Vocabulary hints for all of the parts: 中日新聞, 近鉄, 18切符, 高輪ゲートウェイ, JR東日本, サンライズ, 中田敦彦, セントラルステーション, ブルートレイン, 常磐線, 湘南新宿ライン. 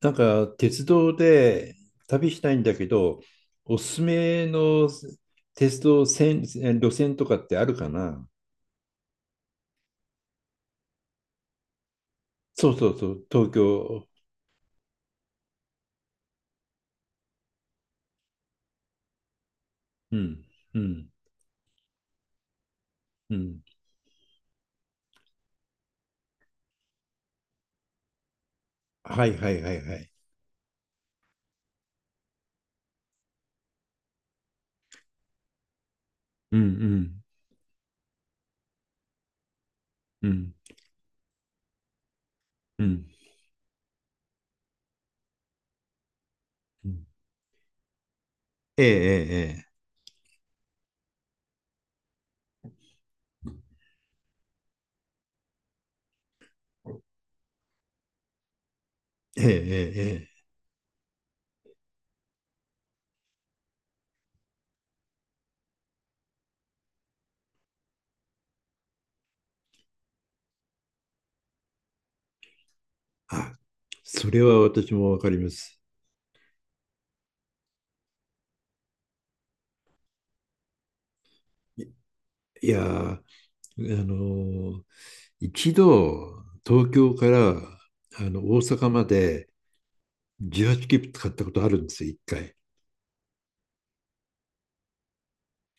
なんか鉄道で旅したいんだけど、おすすめの鉄道線、路線とかってあるかな？そうそうそう、東京。うん、うん、うん。はいはいはいはい。うん、うん、うん、うん。うん、ええええええええええ。あ、それは私もわかります。いいやー、あのー一度東京から大阪まで18切符使ったことあるんですよ、一回。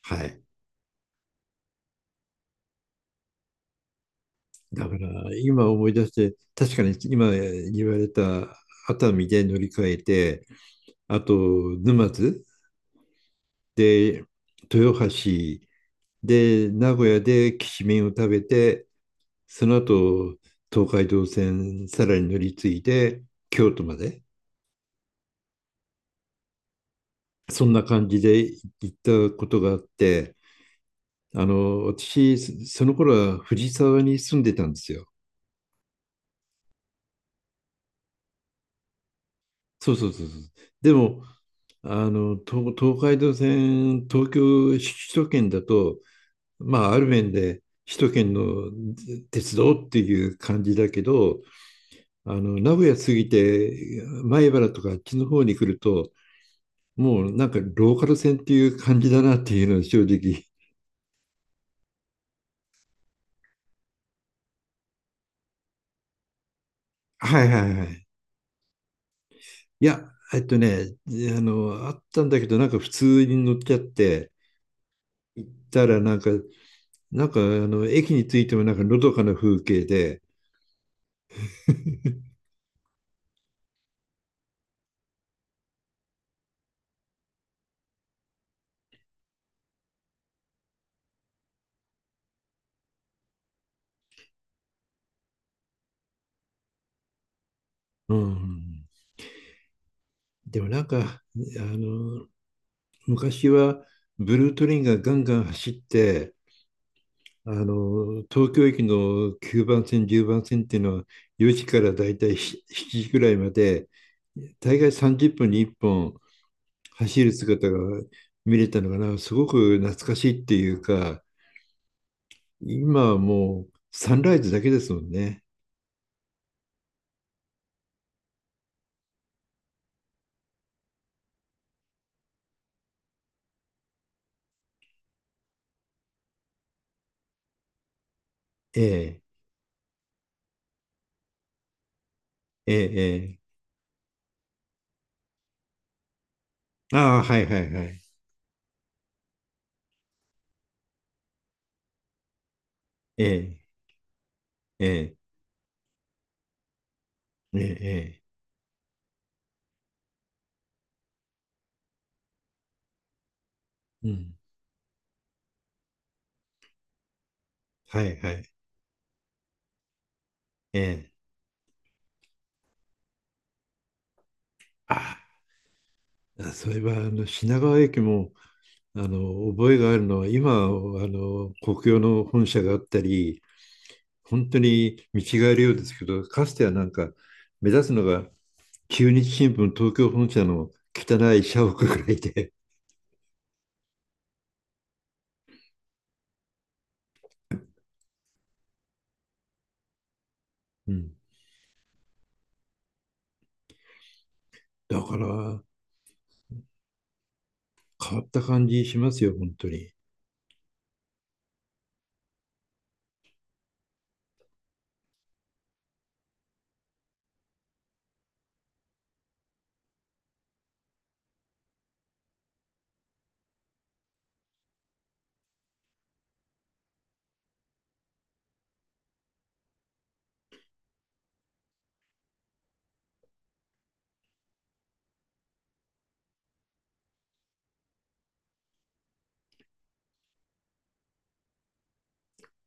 はい。だから、今思い出して、確かに今言われた熱海で乗り換えて、あと沼津で豊橋で名古屋できしめんを食べて、その後東海道線さらに乗り継いで京都まで、そんな感じで行ったことがあって、私、その頃は藤沢に住んでたんですよ。そうそうそうそう。でも、東海道線、東京、首都圏だと、まあ、ある面で首都圏の鉄道っていう感じだけど、名古屋過ぎて、米原とかあっちの方に来ると、もうなんかローカル線っていう感じだなっていうのは正直。はいはいはい。いや、あったんだけど、なんか普通に乗っちゃって、行ったらなんか、あの駅に着いてもなんかのどかな風景で、うん、でもなんか、の、昔はブルートレインがガンガン走って、東京駅の9番線、10番線っていうのは4時からだいたい7時くらいまで、大概30分に1本走る姿が見れたのかな、すごく懐かしいっていうか、今はもうサンライズだけですもんね。ええ、ええ、ええ。ああ、はいはいはい。ええ、ええ、ええ、ええ。うん、はいはい。ええ。ああ、そういえば、品川駅も、覚えがあるのは、今、国用の本社があったり、本当に見違えるようですけど、かつてはなんか、目立つのが、中日新聞東京本社の汚い社屋ぐらいで、うん。だから、変わった感じしますよ、本当に。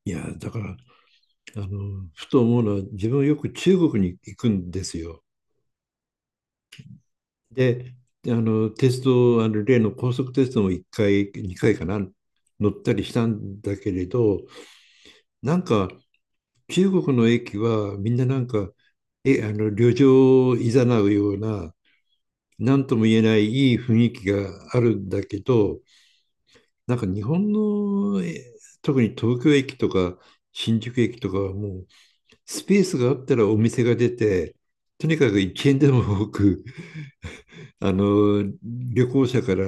いや、だから、ふと思うのは、自分よく中国に行くんですよ。で、あの、テスト、あの、例の高速テストも1回、2回かな、乗ったりしたんだけれど、なんか、中国の駅はみんななんか、え、あの、旅情を誘うような、なんとも言えないいい雰囲気があるんだけど、なんか日本の、特に東京駅とか新宿駅とかはもう、スペースがあったらお店が出て、とにかく1円でも多く、旅行者から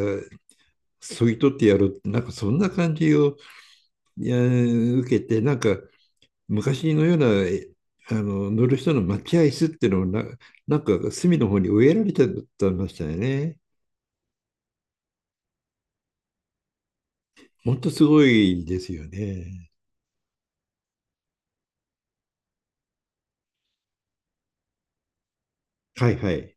そぎ取ってやるなんかそんな感じを受けてなんか昔のような乗る人の待合室っていうのをなんか隅の方に植えられてたましたよね。本当すごいですよね。はいはい。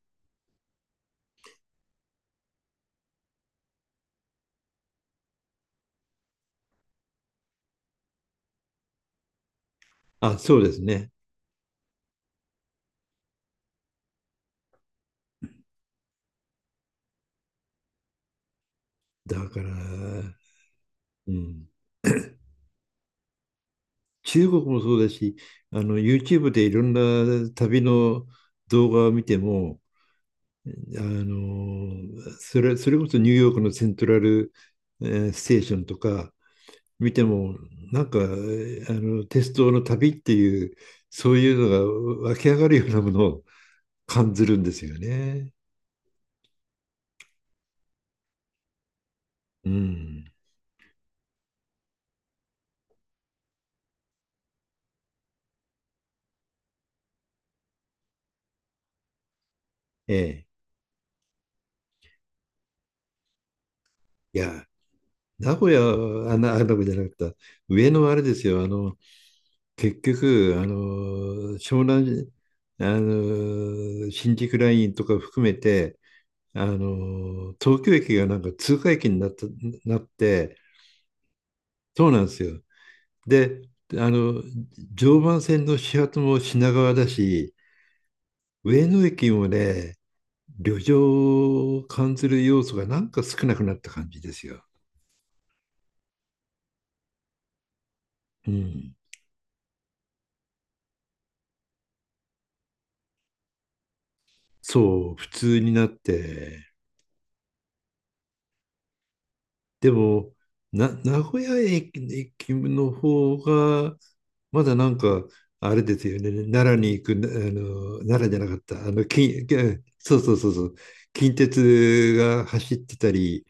あ、そうですね。だから、うん、中国もそうだし、YouTube でいろんな旅の動画を見ても、あのそれこそニューヨークのセントラル、ステーションとか、見ても、なんか、鉄道の旅っていう、そういうのが湧き上がるようなものを感じるんですよね。うん。ええ。いや、名古屋じゃなかった。上野はあれですよ。結局、湘南、新宿ラインとか含めて、東京駅がなんか通過駅になって、そうなんですよ。で、あの、常磐線の始発も品川だし、上野駅もね、旅情を感じる要素がなんか少なくなった感じですよ。うん。そう、普通になって。でも、名古屋駅の方が、まだなんか、あれですよね、奈良に行く、奈良じゃなかった、そうそうそうそう、近鉄が走ってたり、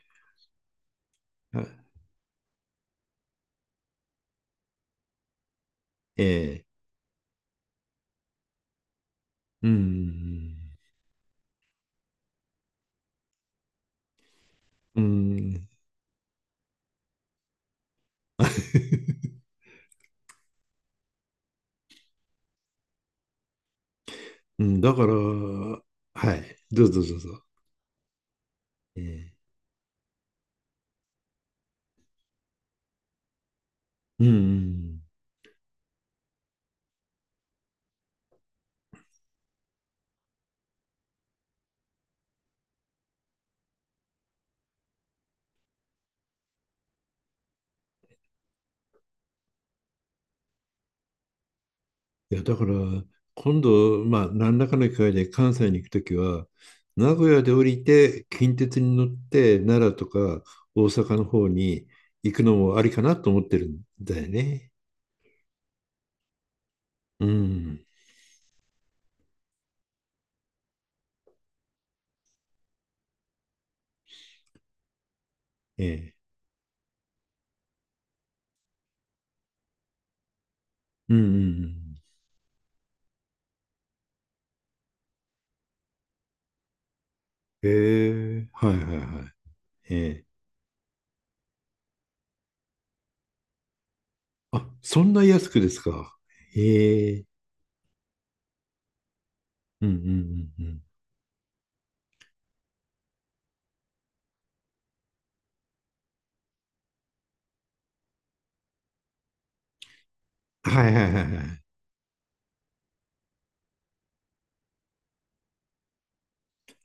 あ、ええ、うん。うん。うん、だから、はい、どうぞどうぞ。ええ、うん、うん。いや、だから、今度、まあ、何らかの機会で関西に行くときは、名古屋で降りて、近鉄に乗って、奈良とか大阪の方に行くのもありかなと思ってるんだよね。うん。ええ。うんうんうん。ええ、はいはいはい。ええ。あ、そんな安くですか？ええ。うんうんうんうん。はいはいはいはい。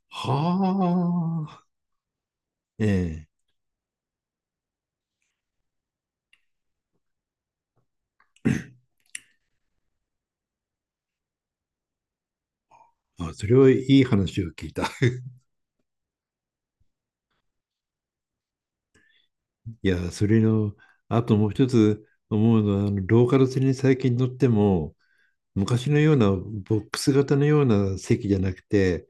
はあ、ええ。あ、それはいい話を聞いた。いや、それの、あともう一つ思うのは、ローカル線に最近乗っても、昔のようなボックス型のような席じゃなくて、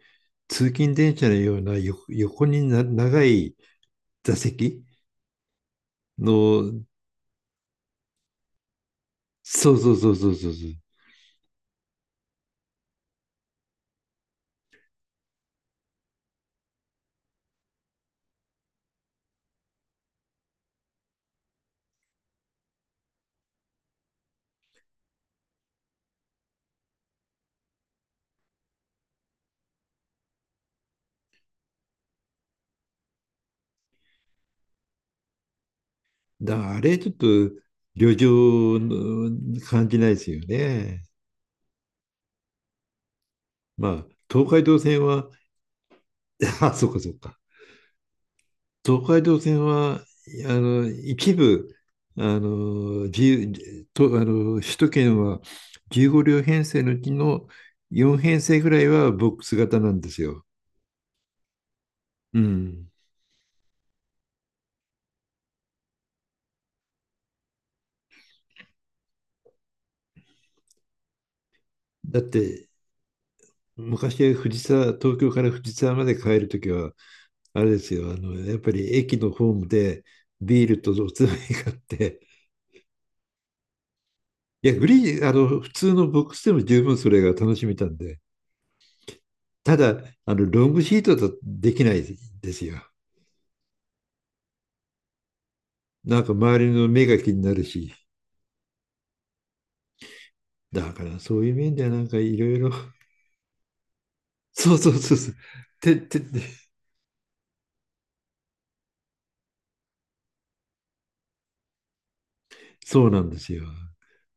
通勤電車のような横に長い座席の、そうそうそうそうそうそう。だあれちょっと旅情の感じないですよね。まあ、東海道線は、あ、そうかそうか。東海道線は、一部、自由と、首都圏は15両編成のうちの4編成ぐらいはボックス型なんですよ。うん。だって、昔は東京から藤沢まで帰るときは、あれですよ、やっぱり駅のホームでビールとおつまみ買って、いや、グリーン、あの、普通のボックスでも十分それが楽しめたんで、ただ、ロングシートだとできないですよ。なんか周りの目が気になるし、だからそういう面ではなんかいろいろ、そうそうそうそう、ててて、そうなんですよ。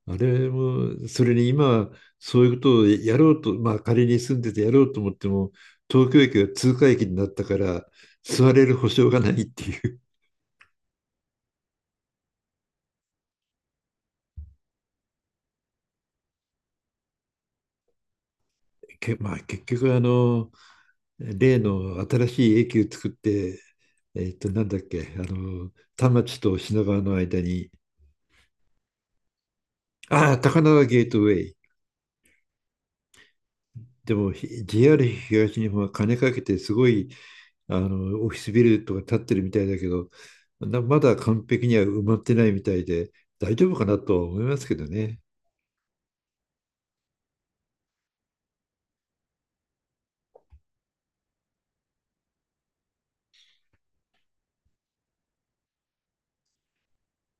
あれも、それに今、そういうことをやろうと、まあ仮に住んでてやろうと思っても、東京駅が通過駅になったから、座れる保証がないっていう。まあ結局、例の新しい駅を作って、なんだっけ、田町と品川の間に、ああ、高輪ゲートウェイ。でも JR 東日本は金かけてすごいオフィスビルとか建ってるみたいだけど、まだ完璧には埋まってないみたいで大丈夫かなとは思いますけどね。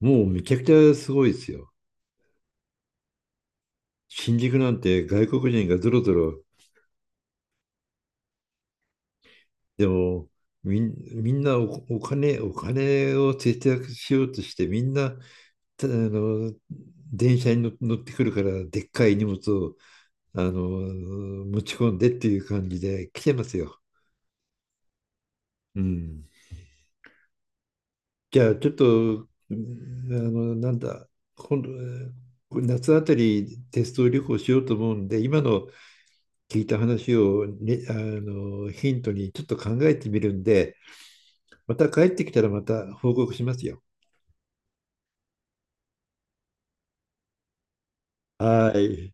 もうめちゃくちゃすごいですよ。新宿なんて外国人がぞろぞろ、でもみん、みんなお金を節約しようとして、みんな、たあの、電車に乗ってくるから、でっかい荷物を、あの、持ち込んでっていう感じで来てますよ。うん。じゃあ、ちょっと、うん、なんだ、今度、夏あたりテスト旅行しようと思うんで、今の聞いた話を、ね、ヒントにちょっと考えてみるんで、また帰ってきたらまた報告しますよ。はい。